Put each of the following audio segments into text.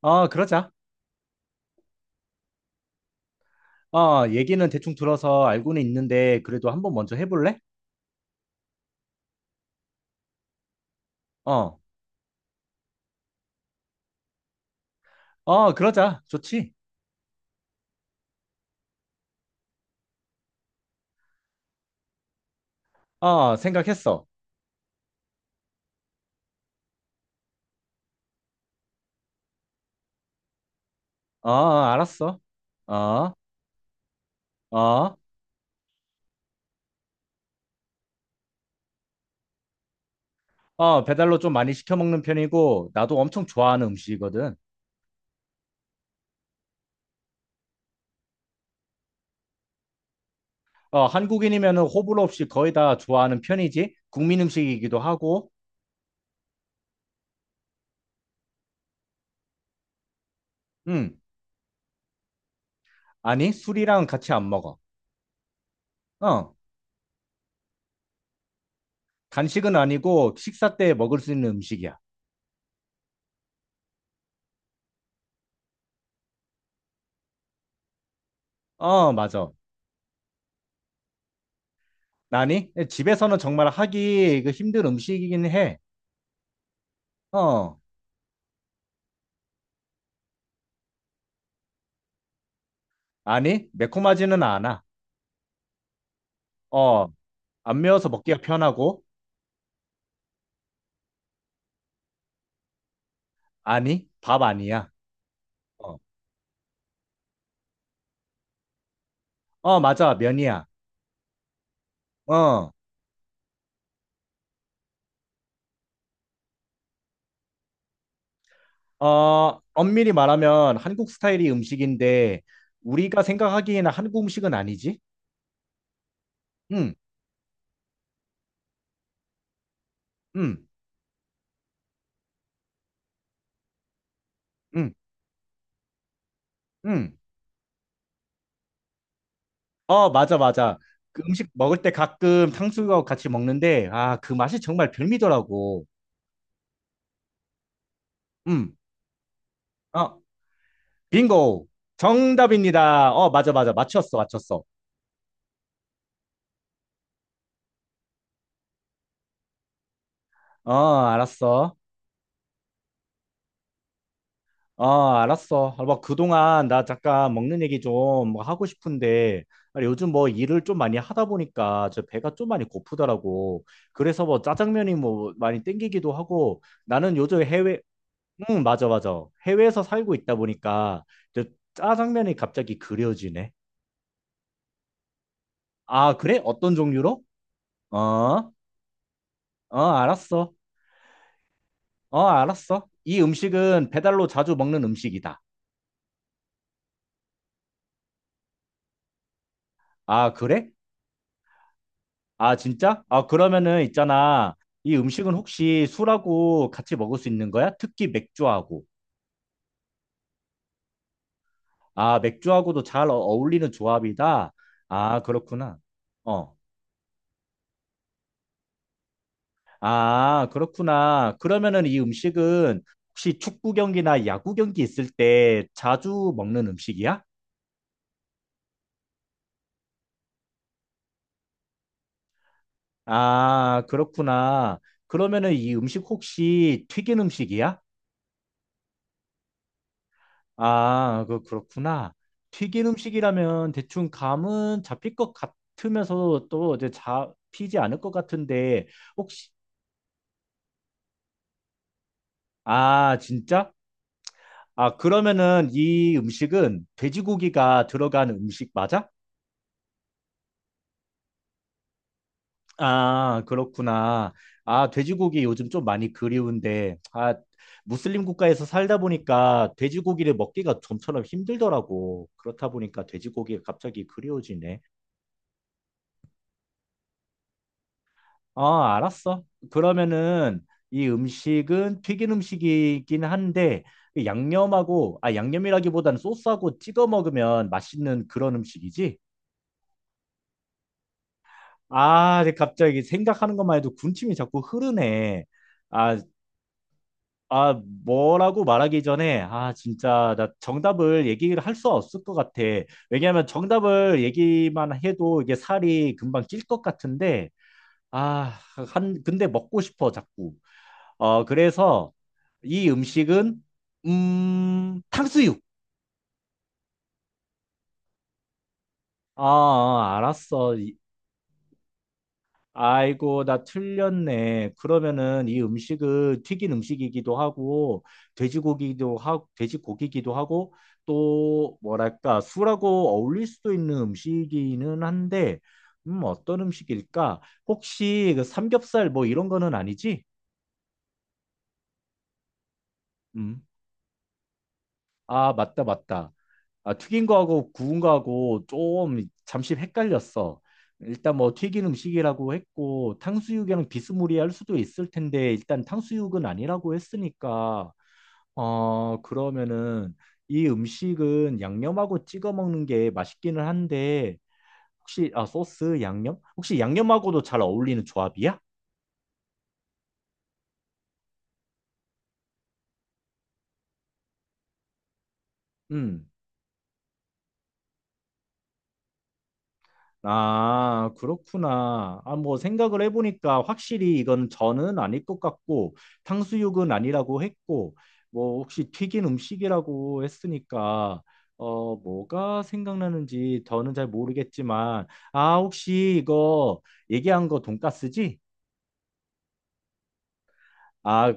어, 그러자. 어, 얘기는 대충 들어서 알고는 있는데, 그래도 한번 먼저 해볼래? 어, 어, 그러자. 좋지. 어, 생각했어. 어, 알았어. 어, 어, 어, 배달로 좀 많이 시켜 먹는 편이고, 나도 엄청 좋아하는 음식이거든. 어, 한국인이면 호불호 없이 거의 다 좋아하는 편이지. 국민 음식이기도 하고, 음, 아니, 술이랑 같이 안 먹어. 어, 간식은 아니고, 식사 때 먹을 수 있는 음식이야. 어, 맞아. 아니, 집에서는 정말 하기 힘든 음식이긴 해. 어, 아니, 매콤하지는 않아. 어, 안 매워서 먹기가 편하고, 아니, 밥 아니야. 어, 어, 맞아, 면이야. 어, 어, 엄밀히 말하면 한국 스타일이 음식인데, 우리가 생각하기에는 한국 음식은 아니지? 응, 응, 응, 응. 어, 맞아, 맞아. 그 음식 먹을 때 가끔 탕수육하고 같이 먹는데, 아, 그 맛이 정말 별미더라고. 응, 어. 빙고. 정답입니다. 어, 맞아, 맞아. 맞췄어, 맞췄어. 어, 알았어. 어, 알았어. 아, 뭐, 그동안 나 잠깐 먹는 얘기 좀뭐 하고 싶은데, 아니, 요즘 뭐 일을 좀 많이 하다 보니까 저 배가 좀 많이 고프더라고. 그래서 뭐 짜장면이 뭐 많이 땡기기도 하고, 나는 요즘 해외, 응, 맞아, 맞아. 해외에서 살고 있다 보니까 저 짜장면이 갑자기 그려지네. 아, 그래? 어떤 종류로? 어, 어, 알았어. 어, 알았어. 이 음식은 배달로 자주 먹는 음식이다. 아, 그래? 아, 진짜? 아, 그러면은 있잖아. 이 음식은 혹시 술하고 같이 먹을 수 있는 거야? 특히 맥주하고. 아, 맥주하고도 어울리는 조합이다. 아, 그렇구나. 어. 아, 그렇구나. 그러면은 이 음식은 혹시 축구 경기나 야구 경기 있을 때 자주 먹는 음식이야? 아, 그렇구나. 그러면은 이 음식 혹시 튀긴 음식이야? 아, 그렇구나. 튀긴 음식이라면 대충 감은 잡힐 것 같으면서 또 이제 잡히지 않을 것 같은데 혹시 아, 진짜? 아, 그러면은 이 음식은 돼지고기가 들어간 음식 맞아? 아, 그렇구나. 아, 돼지고기 요즘 좀 많이 그리운데 아, 무슬림 국가에서 살다 보니까 돼지고기를 먹기가 좀처럼 힘들더라고. 그렇다 보니까 돼지고기가 갑자기 그리워지네. 아, 알았어. 그러면은 이 음식은 튀긴 음식이긴 한데 그 양념하고 아 양념이라기보다는 소스하고 찍어 먹으면 맛있는 그런 음식이지? 아, 근데 갑자기 생각하는 것만 해도 군침이 자꾸 흐르네. 아, 아 뭐라고 말하기 전에 아 진짜 나 정답을 얘기를 할 수 없을 것 같아. 왜냐하면 정답을 얘기만 해도 이게 살이 금방 찔 것 같은데 아, 한 근데 먹고 싶어 자꾸. 어, 그래서 이 음식은 탕수육. 아, 알았어. 아이고, 나 틀렸네. 그러면은 이 음식은 튀긴 음식이기도 하고 돼지고기도 하고 돼지고기기도 하고 또 뭐랄까 술하고 어울릴 수도 있는 음식이기는 한데 어떤 음식일까? 혹시 그 삼겹살 뭐 이런 거는 아니지? 음. 아, 맞다, 맞다. 아, 튀긴 거하고 구운 거하고 좀 잠시 헷갈렸어. 일단 뭐 튀긴 음식이라고 했고 탕수육이랑 비스무리할 수도 있을 텐데 일단 탕수육은 아니라고 했으니까 어 그러면은 이 음식은 양념하고 찍어 먹는 게 맛있기는 한데 혹시 아 소스 양념? 혹시 양념하고도 잘 어울리는 조합이야? 음. 아, 그렇구나. 아, 뭐 생각을 해보니까 확실히 이건 저는 아닐 것 같고 탕수육은 아니라고 했고 뭐 혹시 튀긴 음식이라고 했으니까 어 뭐가 생각나는지 저는 잘 모르겠지만 아 혹시 이거 얘기한 거 돈까스지? 아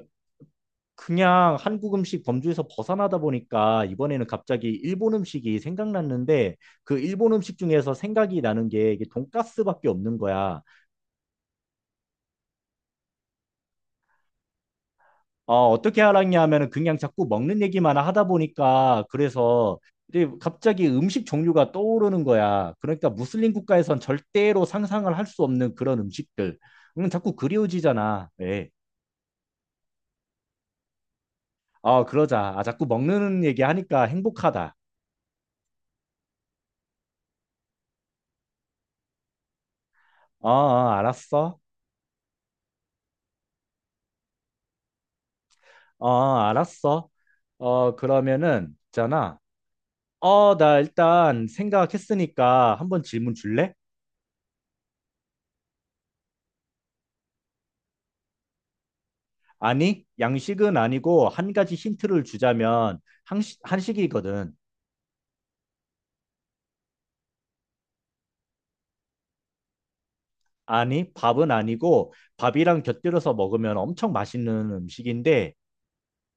그냥 한국 음식 범주에서 벗어나다 보니까 이번에는 갑자기 일본 음식이 생각났는데 그 일본 음식 중에서 생각이 나는 게 이게 돈까스밖에 없는 거야. 어, 어떻게 알았냐 하면은 그냥 자꾸 먹는 얘기만 하다 보니까 그래서 이제 갑자기 음식 종류가 떠오르는 거야. 그러니까 무슬림 국가에선 절대로 상상을 할 수 없는 그런 음식들. 자꾸 그리워지잖아. 예. 어, 그러자. 아, 자꾸 먹는 얘기 하니까 행복하다. 어, 어, 알았어. 어, 알았어. 어, 그러면은 있잖아. 어, 나 일단 생각했으니까 한번 질문 줄래? 아니, 양식은 아니고 한 가지 힌트를 주자면 한식이거든. 아니, 밥은 아니고 밥이랑 곁들여서 먹으면 엄청 맛있는 음식인데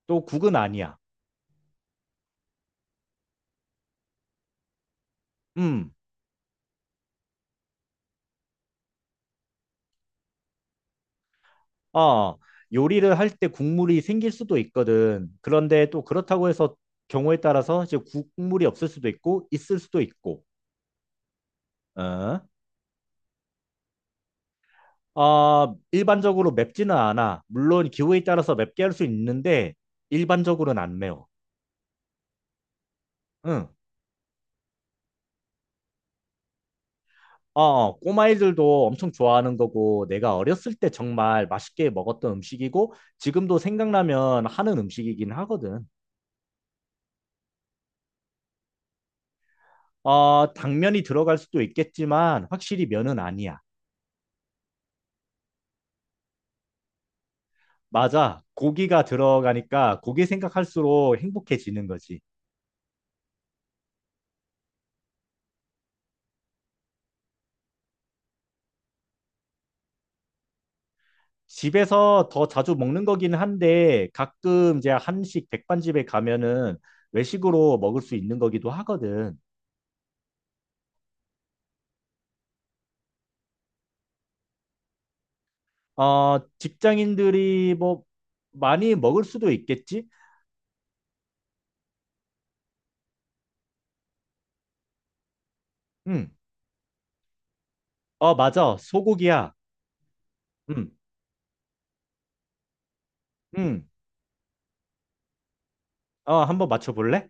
또 국은 아니야. 음, 어, 요리를 할 때 국물이 생길 수도 있거든. 그런데 또 그렇다고 해서 경우에 따라서 이제 국물이 없을 수도 있고 있을 수도 있고. 어, 어, 일반적으로 맵지는 않아. 물론 기호에 따라서 맵게 할 수 있는데 일반적으로는 안 매워. 응. 어, 어, 꼬마애들도 엄청 좋아하는 거고, 내가 어렸을 때 정말 맛있게 먹었던 음식이고, 지금도 생각나면 하는 음식이긴 하거든. 어, 당면이 들어갈 수도 있겠지만, 확실히 면은 아니야. 맞아. 고기가 들어가니까 고기 생각할수록 행복해지는 거지. 집에서 더 자주 먹는 거긴 한데, 가끔 이제 한식 백반집에 가면은 외식으로 먹을 수 있는 거기도 하거든. 어, 직장인들이 뭐 많이 먹을 수도 있겠지? 음. 어, 맞아. 소고기야. 음. 음. 어, 한번 맞춰볼래?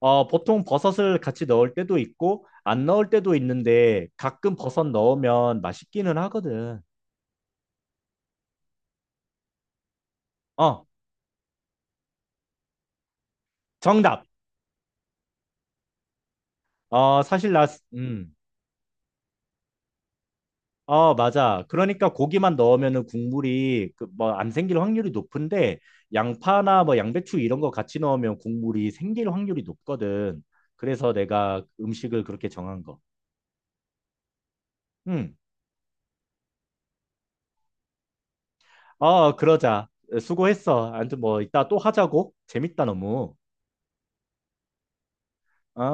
어, 보통 버섯을 같이 넣을 때도 있고, 안 넣을 때도 있는데, 가끔 버섯 넣으면 맛있기는 하거든. 어, 정답. 어, 사실 나, 음. 어, 맞아. 그러니까 고기만 넣으면은 국물이 안 생길 확률이 높은데, 양파나 뭐 양배추 이런 거 같이 넣으면 국물이 생길 확률이 높거든. 그래서 내가 음식을 그렇게 정한 거. 음. 어, 그러자. 수고했어. 아무튼 뭐 이따 또 하자고. 재밌다, 너무. 어?